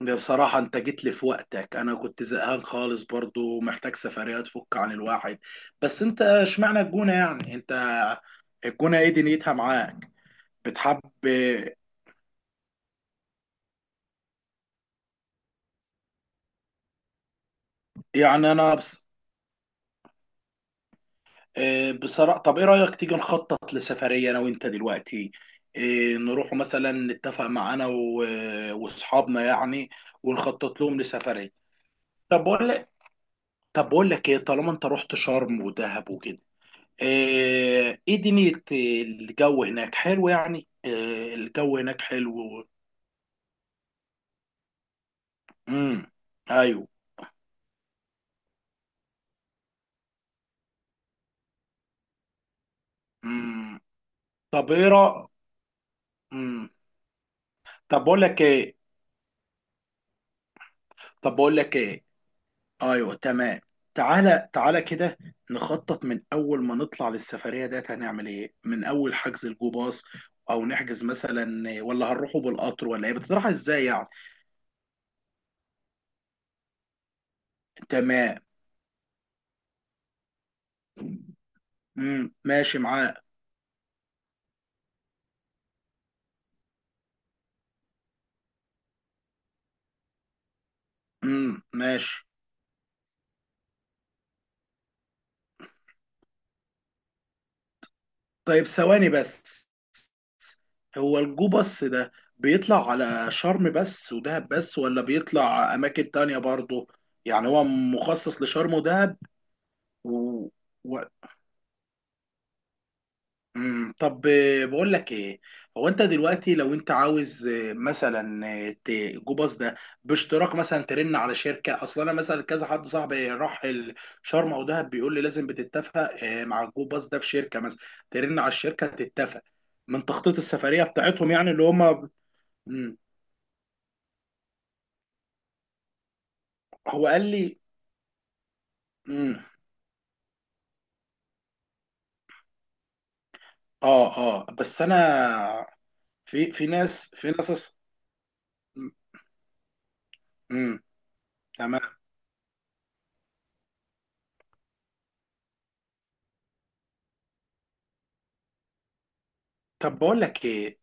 ده بصراحة أنت جيت لي في وقتك. أنا كنت زهقان خالص برضو محتاج سفرية تفك عن الواحد. بس أنت اشمعنى الجونة يعني أنت؟ الجونة إيه دنيتها معاك؟ بتحب؟ يعني أنا بصراحة. طب إيه رأيك تيجي نخطط لسفرية أنا وأنت دلوقتي؟ إيه، نروح مثلا نتفق مع وأصحابنا يعني. ونخطط لهم لسفرية. طب بقول لك طب بقول لك إيه، طالما أنت رحت شرم ودهب وكده. ايه، دنيا الجو هناك حلو يعني. الجو هناك حلو. امم ايوه. امم طب ايه امم طب بقول لك ايه. طب بقول لك ايه. ايوه تمام. تعالى كده. نخطط من اول ما نطلع للسفرية ديت. هنعمل ايه من اول حجز الجو باص؟ او نحجز مثلا؟ ولا هنروحوا بالقطر ولا ايه؟ بتطرح ازاي يعني؟ تمام. ماشي معاك. ماشي. طيب ثواني بس. هو الجوبس ده بيطلع على شرم بس ودهب بس، ولا بيطلع أماكن تانية برضه؟ يعني هو مخصص لشرم ودهب و... و... طب بقول لك ايه. هو انت دلوقتي لو انت عاوز مثلا الجوباس ده باشتراك مثلا، ترن على شركة. اصلا انا مثلا كذا حد صاحبي راح شرم او دهب بيقول لي لازم بتتفق مع الجوباس ده في شركة مثلا، ترن على الشركة تتفق من تخطيط السفرية بتاعتهم يعني اللي هما. مم. هو قال لي. مم. اه. اه بس انا في ناس. مم. تمام. طب بقول لك ايه،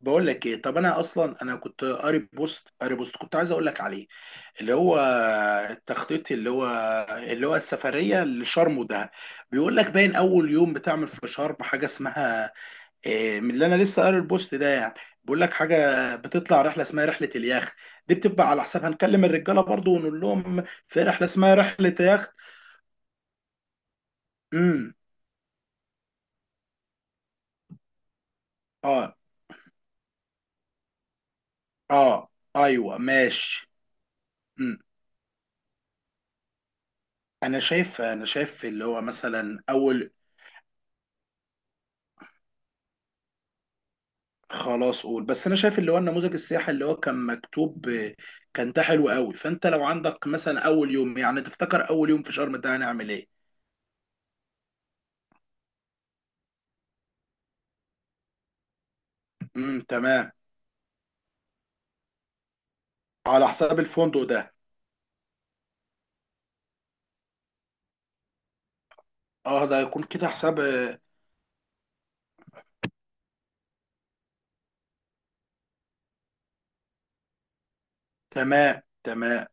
بقول لك ايه. طب انا اصلا كنت قاري بوست كنت عايز اقول لك عليه. اللي هو التخطيط، اللي هو اللي هو السفريه لشرم ده، بيقول لك باين اول يوم بتعمل في شرم حاجه اسمها من اللي انا لسه قاري البوست ده يعني. بيقول لك حاجه، بتطلع رحله اسمها رحله اليخت. دي بتبقى على حساب، هنكلم الرجاله برضو ونقول لهم في رحله اسمها رحله يخت. امم اه. اه. ايوه ماشي. امم انا شايف اللي هو مثلا اول. خلاص قول، بس انا شايف اللي هو النموذج السياحي اللي هو كان مكتوب كان ده حلو قوي. فانت لو عندك مثلا اول يوم، يعني تفتكر اول يوم في شرم ده هنعمل ايه؟ تمام. على حساب الفندق ده. اه، ده هيكون كده حساب. تمام تمام.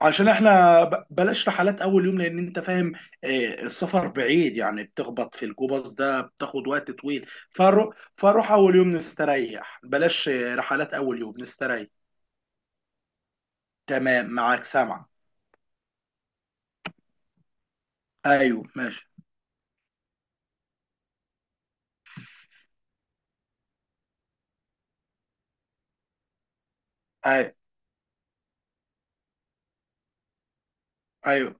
عشان احنا بلاش رحلات اول يوم، لان انت فاهم السفر بعيد يعني، بتخبط في الجوباز ده بتاخد وقت طويل. فاروح اول يوم نستريح، بلاش رحلات اول يوم، نستريح. تمام، معاك سامع. ايوه ماشي. ايوه. ايوه.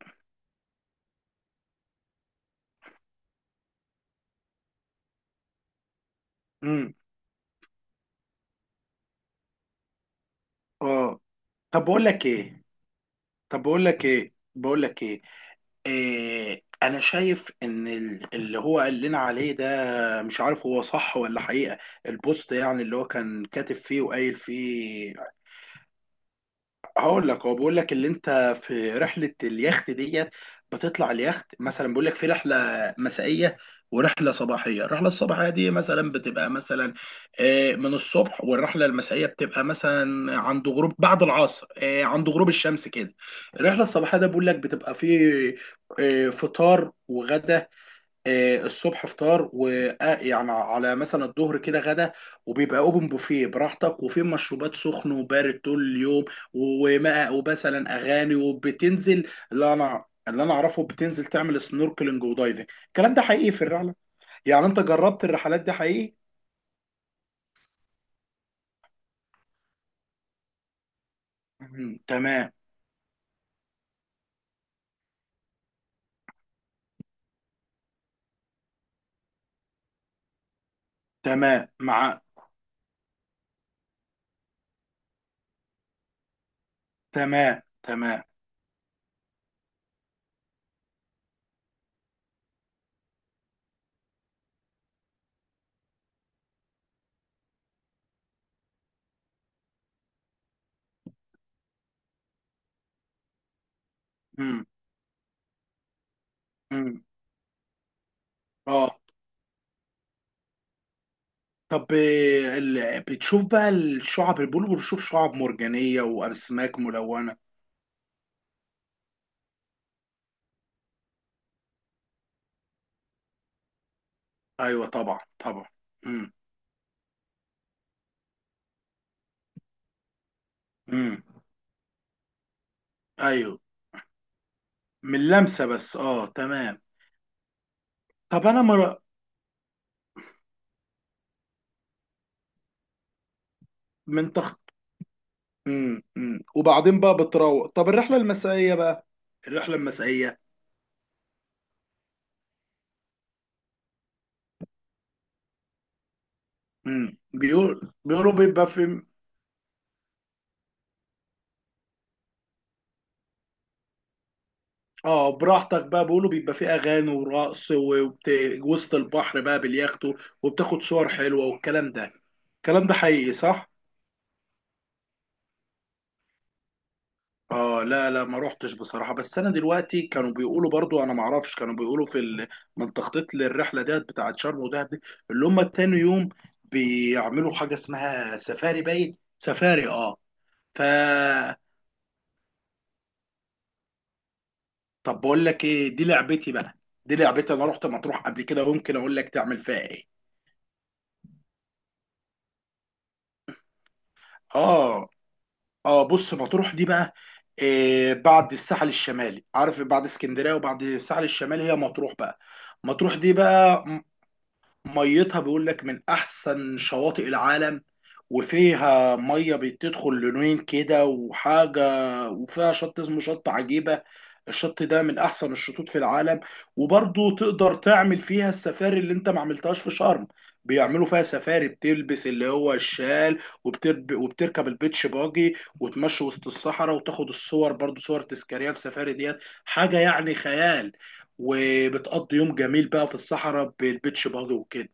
امم اه. طب بقول لك ايه. بقول لك ايه، انا شايف ان اللي هو قال لنا عليه، مش عارف هو صح ولا حقيقة، البوست يعني اللي هو كان كاتب فيه وقايل فيه. هقول لك، هو بيقول لك اللي انت في رحلة اليخت ديت بتطلع اليخت مثلا، بيقول لك في رحلة مسائية ورحلة صباحية. الرحلة الصباحية دي مثلا بتبقى مثلا من الصبح، والرحلة المسائية بتبقى مثلا عند غروب بعد العصر، عند غروب الشمس كده. الرحلة الصباحية ده بيقول لك بتبقى فيه فطار وغدا. الصبح فطار ويعني على مثلا الظهر كده غدا. وبيبقى اوبن بوفيه براحتك، وفي مشروبات سخن وبارد طول اليوم، وماء، ومثلا اغاني، وبتنزل اللي انا اعرفه بتنزل تعمل سنوركلينج ودايفنج. الكلام ده حقيقي في الرحله؟ يعني انت جربت الرحلات دي حقيقي؟ مم، تمام. تمام مع تمام تمام. مم. مم. اه. طب بتشوف بقى الشعب البلو، بتشوف شعب مرجانية وأسماك ملونة. ايوه طبعا طبعا. امم امم ايوه. من لمسه بس، اه تمام. طب من تخت. وبعدين بقى بتروق. طب الرحله المسائيه بقى؟ الرحله المسائيه. بيقولوا بيبقى في، اه براحتك بقى، بيقولوا بيبقى في اغاني ورقص وسط البحر بقى باليخت، وبتاخد صور حلوه والكلام ده. الكلام ده حقيقي صح؟ اه لا لا، ما روحتش بصراحة. بس انا دلوقتي كانوا بيقولوا برضو، انا ما اعرفش، كانوا بيقولوا في من تخطيط للرحلة ديت بتاعت شرم ودهب دي اللي هم تاني يوم بيعملوا حاجة اسمها سفاري. باين سفاري اه. ف طب بقول لك ايه، دي لعبتي بقى. دي لعبتي، انا رحت مطروح قبل كده وممكن اقول لك تعمل فيها ايه. اه اه. بص، مطروح دي بقى بعد الساحل الشمالي، عارف، بعد اسكندرية وبعد الساحل الشمالي هي مطروح بقى. مطروح دي بقى ميتها بيقول لك من احسن شواطئ العالم، وفيها ميه بتدخل لونين كده وحاجه، وفيها شط اسمه شط عجيبه. الشط ده من احسن الشطوط في العالم. وبرضو تقدر تعمل فيها السفاري اللي انت ما عملتهاش في شرم. بيعملوا فيها سفاري، بتلبس اللي هو الشال وبتركب البيتش باجي وتمشي وسط الصحراء وتاخد الصور، برضو صور تذكاريه في سفاري ديت. حاجه يعني خيال. وبتقضي يوم جميل بقى في الصحراء بالبيتش باجي وكده.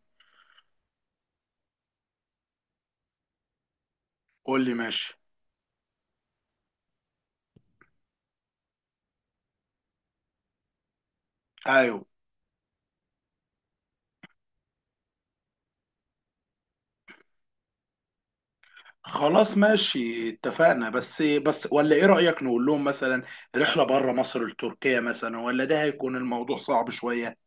قول لي ماشي. ايوه. خلاص ماشي اتفقنا. بس ولا ايه رأيك، نقول لهم مثلا رحلة بره مصر لتركيا مثلا، ولا ده هيكون الموضوع صعب شوية؟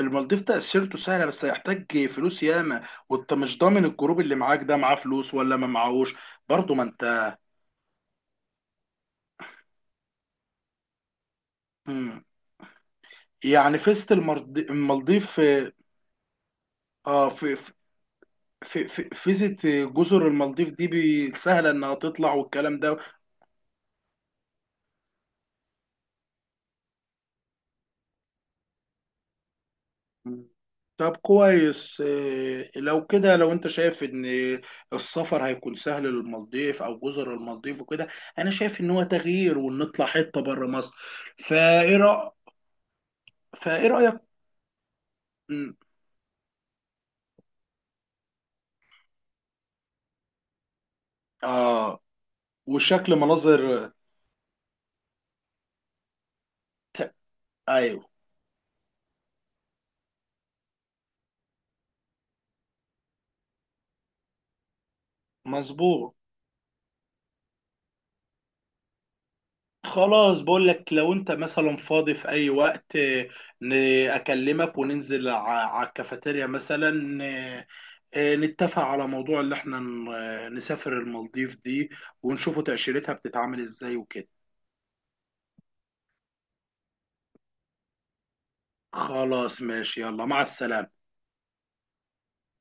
المالديف تأشيرته سهلة، بس هيحتاج فلوس ياما، وانت مش ضامن الجروب اللي معاك ده معاه فلوس ولا ما معاهوش. برضه ما انت. مم. يعني فيزة المالديف. اه في في فيزة جزر المالديف دي سهلة انها تطلع والكلام ده. مم. طب كويس. لو كده، لو انت شايف ان السفر هيكون سهل للمالديف او جزر المالديف وكده، انا شايف ان هو تغيير ونطلع حته بره مصر. فايه رأ... فايه رأيك؟ مم. اه. وشكل مناظر ت... ايوه مظبوط. خلاص، بقول لك، لو انت مثلا فاضي في اي وقت ن- اكلمك وننزل على الكافيتيريا مثلا، نتفق على موضوع اللي احنا نسافر المالديف دي، ونشوفوا تأشيرتها بتتعامل ازاي وكده. خلاص ماشي، يلا مع السلامة.